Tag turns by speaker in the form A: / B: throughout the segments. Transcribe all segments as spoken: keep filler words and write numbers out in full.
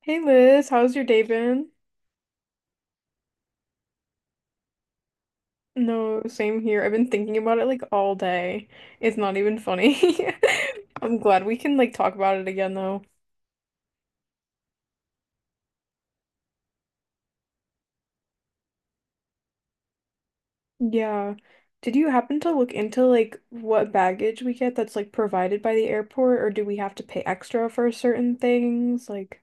A: Hey Liz, how's your day been? No, same here. I've been thinking about it like all day. It's not even funny. I'm glad we can like talk about it again though. Yeah. Did you happen to look into like what baggage we get that's like provided by the airport or do we have to pay extra for certain things? Like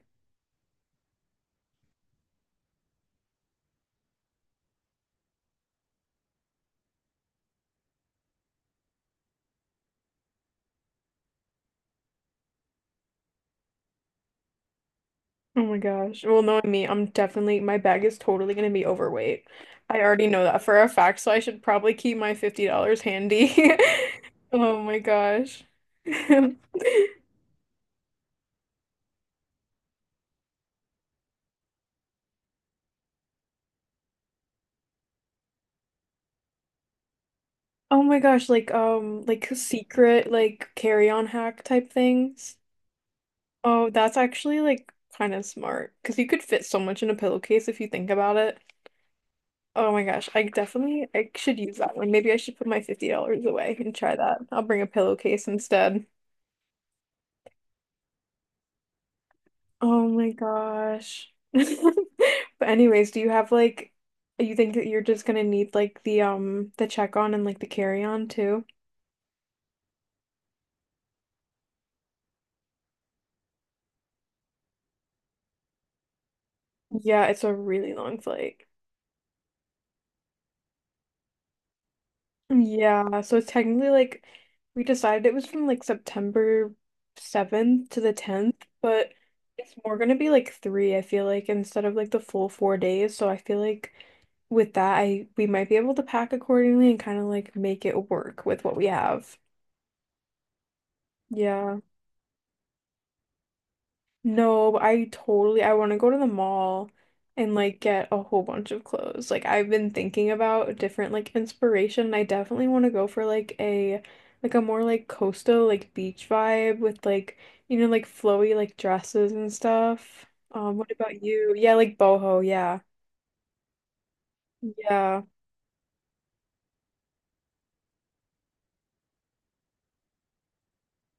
A: oh my gosh. Well, knowing me, I'm definitely, my bag is totally going to be overweight. I already know that for a fact, so I should probably keep my fifty dollars handy. Oh my gosh. Oh my gosh, like um like secret like carry-on hack type things. Oh, that's actually like kind of smart because you could fit so much in a pillowcase if you think about it. Oh my gosh, I definitely I should use that one. Maybe I should put my fifty dollars away and try that. I'll bring a pillowcase instead. Oh my gosh. But anyways, do you have like you think that you're just gonna need like the um the check on and like the carry on too? Yeah, it's a really long flight. Yeah, so it's technically like we decided it was from like September seventh to the tenth, but it's more gonna be like three, I feel like, instead of like the full four days. So I feel like with that I we might be able to pack accordingly and kind of like make it work with what we have. Yeah. No, but I totally I want to go to the mall and like get a whole bunch of clothes. Like I've been thinking about different like inspiration, and I definitely want to go for like a like a more like coastal like beach vibe with like you know like flowy like dresses and stuff. Um, what about you? Yeah, like boho, yeah. Yeah.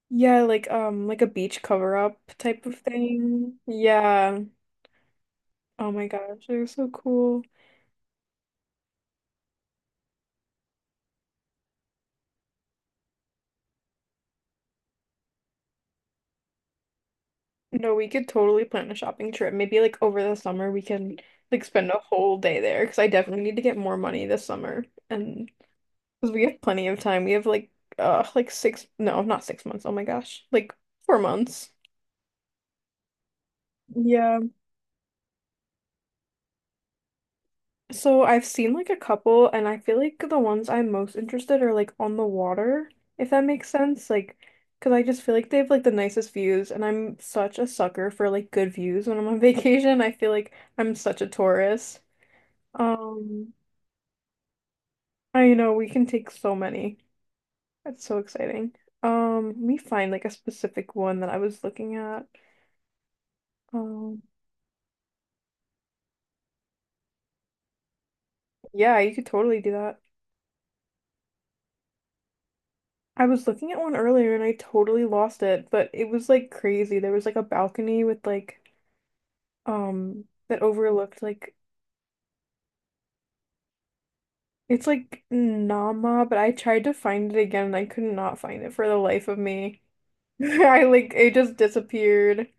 A: Yeah, like um like a beach cover up type of thing. Yeah. Oh my gosh, they're so cool. No, we could totally plan a shopping trip. Maybe like over the summer we can like spend a whole day there because I definitely need to get more money this summer. And because we have plenty of time. We have like uh like six no, not six months. Oh my gosh. Like four months. Yeah. So I've seen like a couple and I feel like the ones I'm most interested are like on the water, if that makes sense. Like because I just feel like they have like the nicest views and I'm such a sucker for like good views when I'm on vacation. I feel like I'm such a tourist. Um, I know we can take so many. That's so exciting. Um, let me find like a specific one that I was looking at. Um, yeah, you could totally do that. I was looking at one earlier and I totally lost it, but it was like crazy. There was like a balcony with like um that overlooked like it's like Nama, but I tried to find it again and I could not find it for the life of me. I like it just disappeared.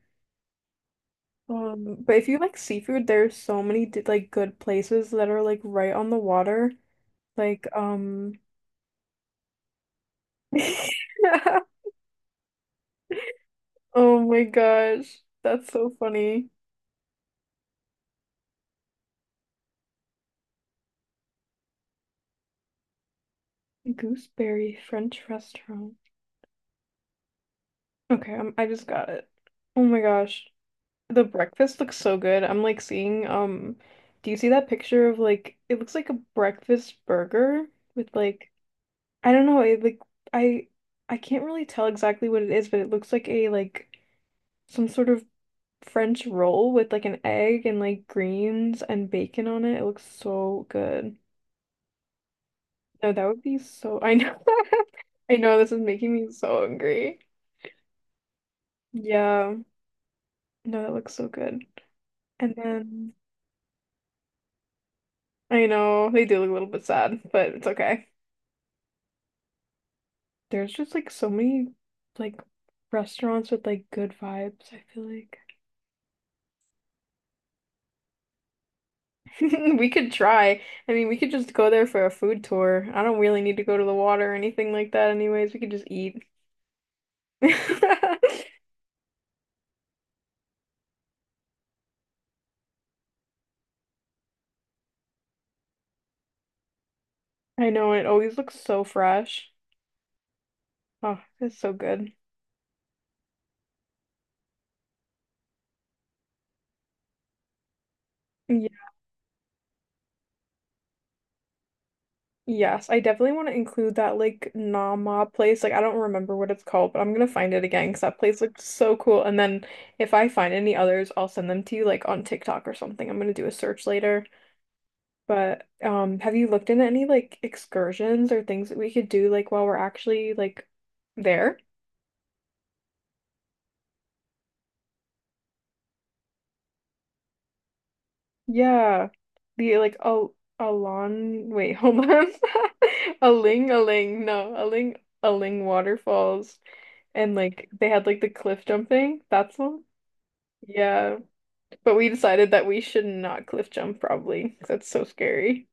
A: Um, but if you like seafood, there's so many d- like good places that are like right on the water. Like, um, oh my gosh, that's so funny. Gooseberry French restaurant. Okay, um, I just got it. Oh my gosh, the breakfast looks so good. I'm like seeing, um, do you see that picture of like it looks like a breakfast burger with like I don't know, it like I I can't really tell exactly what it is, but it looks like a like some sort of French roll with like an egg and like greens and bacon on it. It looks so good. No, that would be so. I know. I know this is making me so hungry. Yeah. No, that looks so good. And then I know they do look a little bit sad, but it's okay. There's just like so many like restaurants with like good vibes, I feel like. We could try. I mean, we could just go there for a food tour. I don't really need to go to the water or anything like that anyways. We could just eat. I know it always looks so fresh. Oh, it's so good. Yeah. Yes, I definitely want to include that like Nama place. Like I don't remember what it's called, but I'm gonna find it again because that place looked so cool. And then if I find any others, I'll send them to you like on TikTok or something. I'm gonna do a search later. But um, have you looked into any like excursions or things that we could do like while we're actually like there? Yeah. The like a Alon wait, hold on. Aling Aling. No, Aling Aling waterfalls. And like they had like the cliff jumping. That's one. Yeah. But we decided that we should not cliff jump probably. 'Cause that's so scary.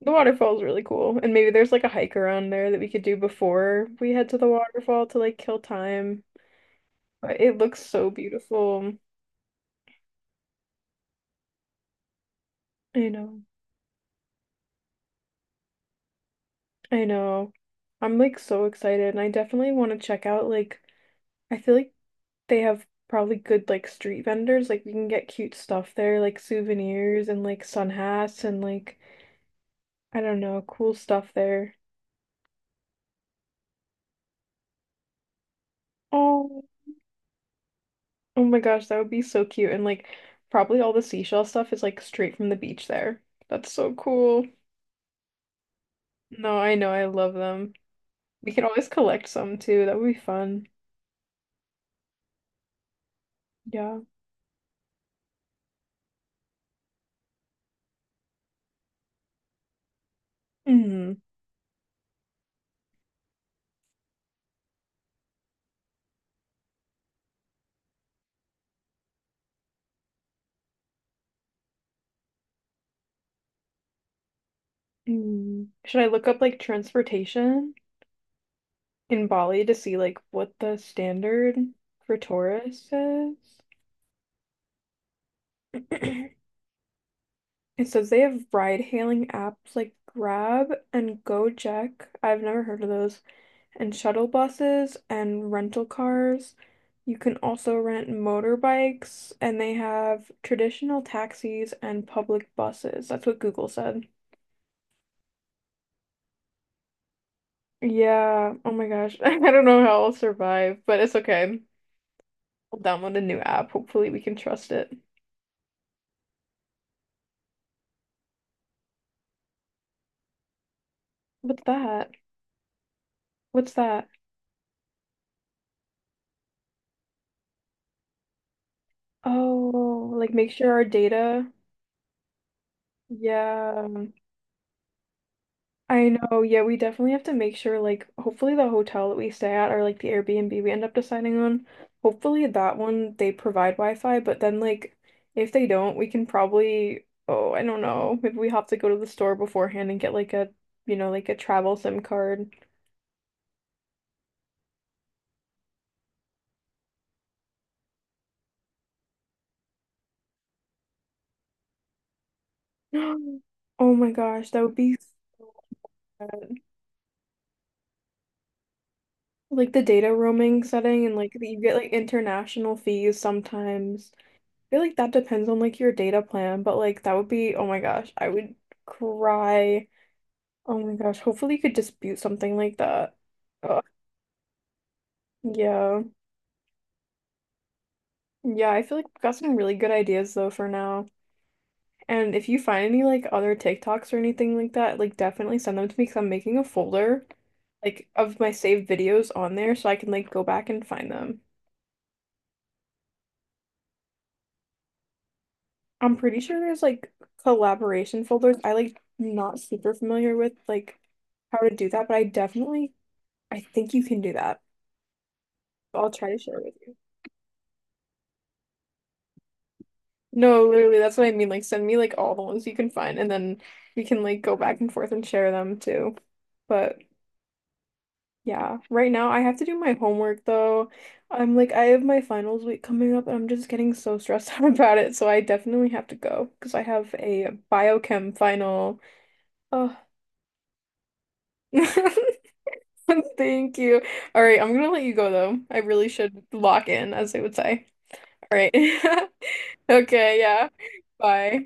A: The waterfall's really cool. And maybe there's like a hike around there that we could do before we head to the waterfall to like kill time. But it looks so beautiful. I know. I know. I'm like so excited and I definitely want to check out like I feel like they have probably good like street vendors. Like we can get cute stuff there, like souvenirs and like sun hats and like I don't know, cool stuff there. Oh, oh my gosh, that would be so cute. And like probably all the seashell stuff is like straight from the beach there. That's so cool. No, I know, I love them. We can always collect some too. That would be fun. Yeah. Mm. Mm. Should I look up like transportation in Bali to see like what the standard for tourists is? It says they have ride-hailing apps like Grab and Gojek. I've never heard of those. And shuttle buses and rental cars. You can also rent motorbikes, and they have traditional taxis and public buses. That's what Google said. Yeah. Oh my gosh. I don't know how I'll survive, but it's okay. I'll download a new app. Hopefully, we can trust it. What's that? What's that? Oh, like make sure our data. Yeah. I know, yeah, we definitely have to make sure, like, hopefully the hotel that we stay at or like the Airbnb we end up deciding on, hopefully that one they provide Wi-Fi, but then like if they don't, we can probably, oh, I don't know, maybe we have to go to the store beforehand and get like a, you know, like a travel SIM card. Oh my gosh, that would be so bad. Like the data roaming setting and like you get like international fees sometimes. Feel like that depends on like your data plan, but like that would be, oh my gosh, I would cry. Oh my gosh, hopefully you could dispute something like that. Ugh. Yeah. Yeah, I feel like we've got some really good ideas though for now. And if you find any like other TikToks or anything like that, like definitely send them to me because I'm making a folder like of my saved videos on there so I can like go back and find them. I'm pretty sure there's like collaboration folders. I Like not super familiar with like how to do that, but I definitely I think you can do that. I'll try to share with you. No, literally, that's what I mean. Like, send me like all the ones you can find, and then we can like go back and forth and share them too. But yeah, right now I have to do my homework though. I'm like, I have my finals week coming up, and I'm just getting so stressed out about it. So I definitely have to go because I have a biochem final. Oh, thank you. All right, I'm gonna let you go though. I really should lock in, as they would say. All right. Okay, yeah. Bye.